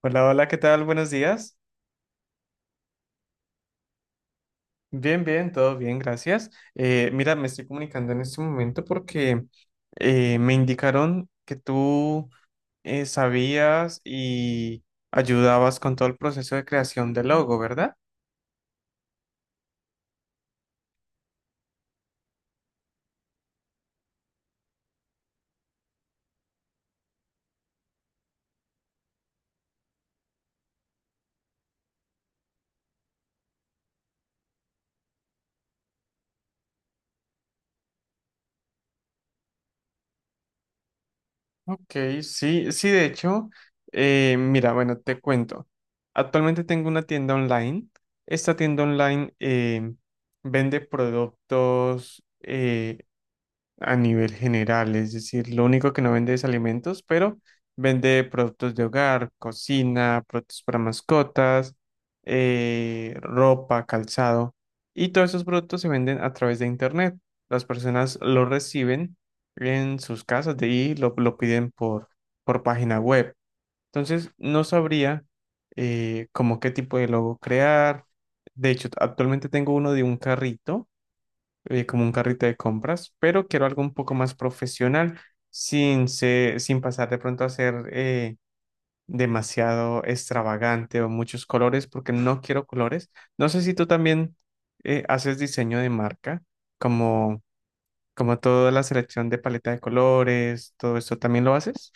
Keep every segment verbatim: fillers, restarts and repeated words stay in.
Hola, hola, ¿qué tal? Buenos días. Bien, bien, todo bien, gracias. Eh, mira, me estoy comunicando en este momento porque eh, me indicaron que tú eh, sabías y ayudabas con todo el proceso de creación del logo, ¿verdad? Ok, sí, sí, de hecho, eh, mira, bueno, te cuento. Actualmente tengo una tienda online. Esta tienda online eh, vende productos. Eh, a nivel general, es decir, lo único que no vende es alimentos, pero vende productos de hogar, cocina, productos para mascotas, eh, ropa, calzado, y todos esos productos se venden a través de internet. Las personas lo reciben en sus casas de ahí, lo, lo piden por, por página web. Entonces, no sabría eh, como qué tipo de logo crear. De hecho, actualmente tengo uno de un carrito eh, como un carrito de compras, pero quiero algo un poco más profesional, sin, se- sin pasar de pronto a ser eh, demasiado extravagante o muchos colores, porque no quiero colores. No sé si tú también eh, haces diseño de marca, como, como toda la selección de paleta de colores, todo esto también lo haces.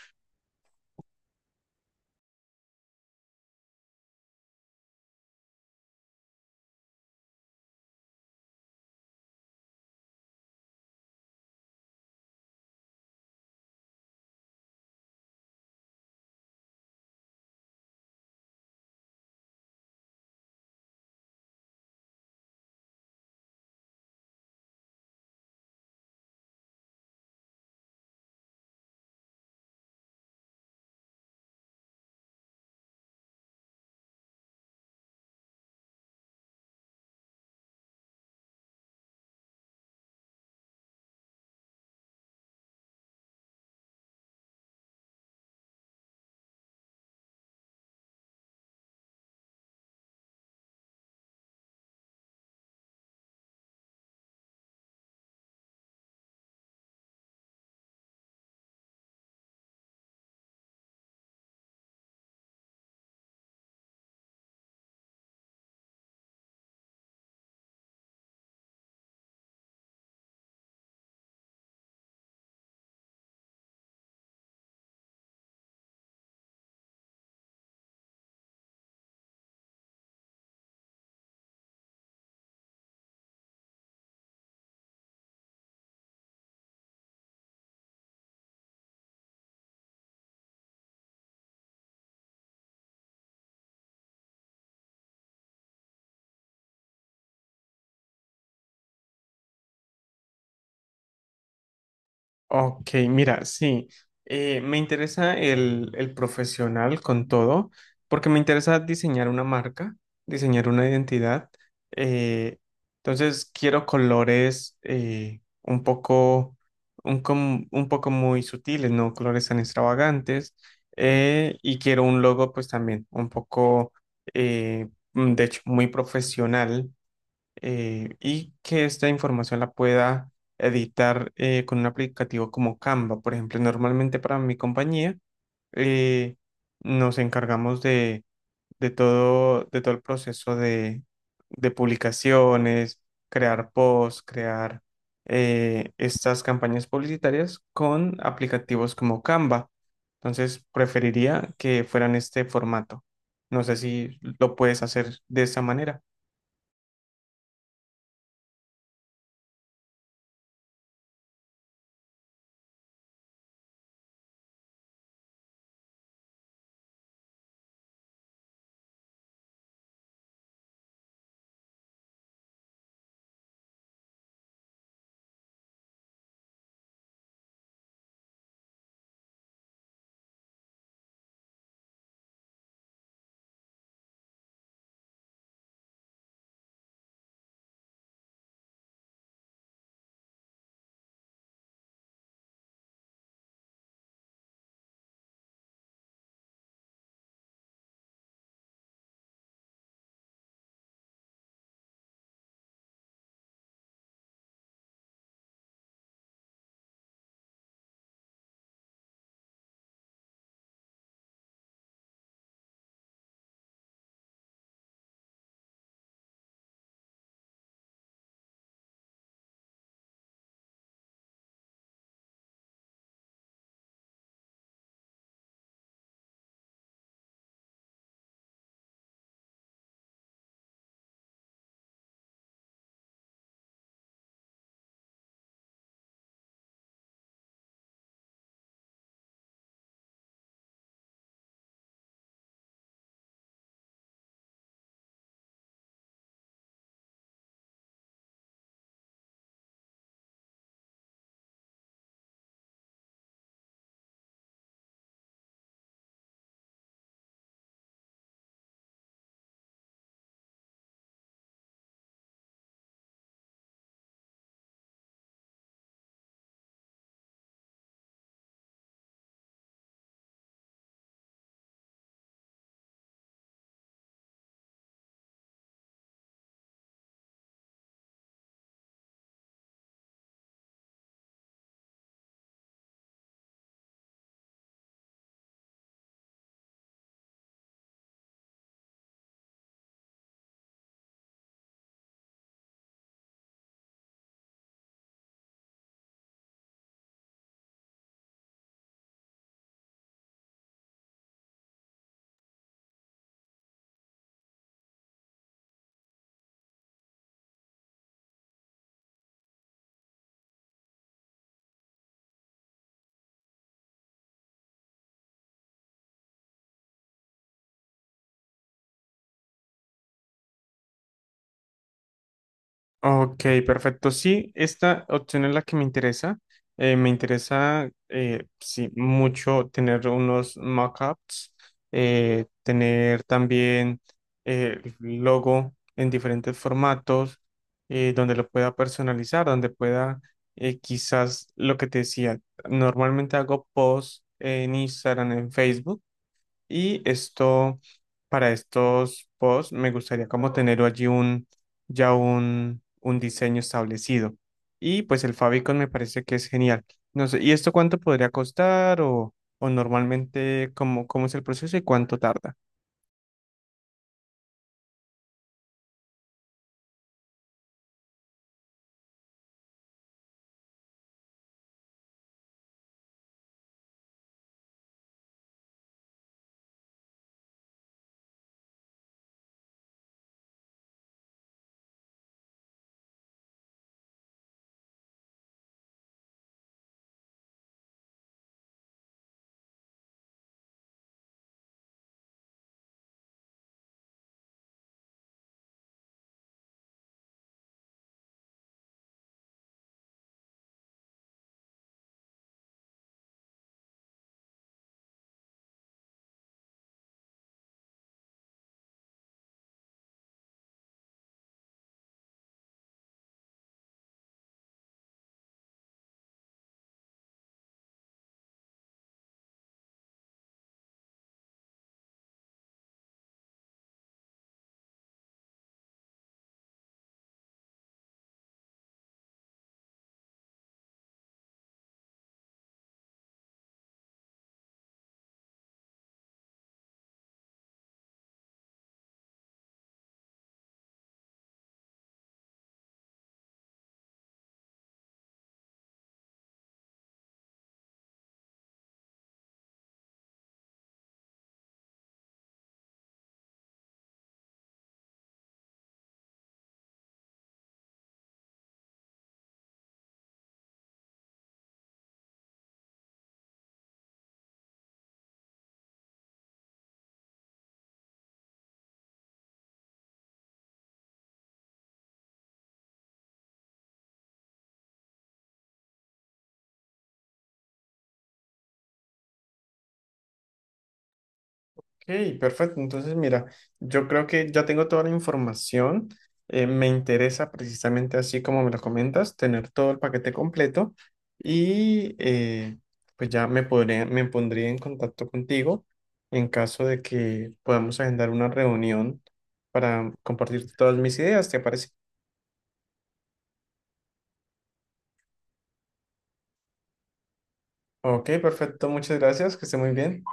Ok, mira, sí, eh, me interesa el, el profesional con todo, porque me interesa diseñar una marca, diseñar una identidad. eh, entonces, quiero colores eh, un poco, un, com- un poco muy sutiles, no colores tan extravagantes. Eh, y quiero un logo, pues también un poco, eh, mm, de hecho, muy profesional eh, y que esta información la pueda editar eh, con un aplicativo como Canva. Por ejemplo, normalmente para mi compañía eh, nos encargamos de, de todo, de todo el proceso de, de publicaciones, crear posts, crear eh, estas campañas publicitarias con aplicativos como Canva. Entonces, preferiría que fueran este formato. No sé si lo puedes hacer de esa manera. Ok, perfecto. Sí, esta opción es la que me interesa. Eh, me interesa, eh, sí, mucho tener unos mockups, eh, tener también eh, el logo en diferentes formatos, eh, donde lo pueda personalizar, donde pueda, eh, quizás lo que te decía, normalmente hago posts en Instagram, en Facebook y esto, para estos posts, me gustaría como tener allí un, ya un, un diseño establecido. Y pues el favicon me parece que es genial. No sé, ¿y esto cuánto podría costar o, o normalmente cómo, cómo es el proceso y cuánto tarda? Ok, perfecto. Entonces, mira, yo creo que ya tengo toda la información. Eh, me interesa precisamente así como me lo comentas, tener todo el paquete completo y eh, pues ya me podré, me pondría en contacto contigo en caso de que podamos agendar una reunión para compartir todas mis ideas, ¿te parece? Ok, perfecto. Muchas gracias. Que esté muy bien.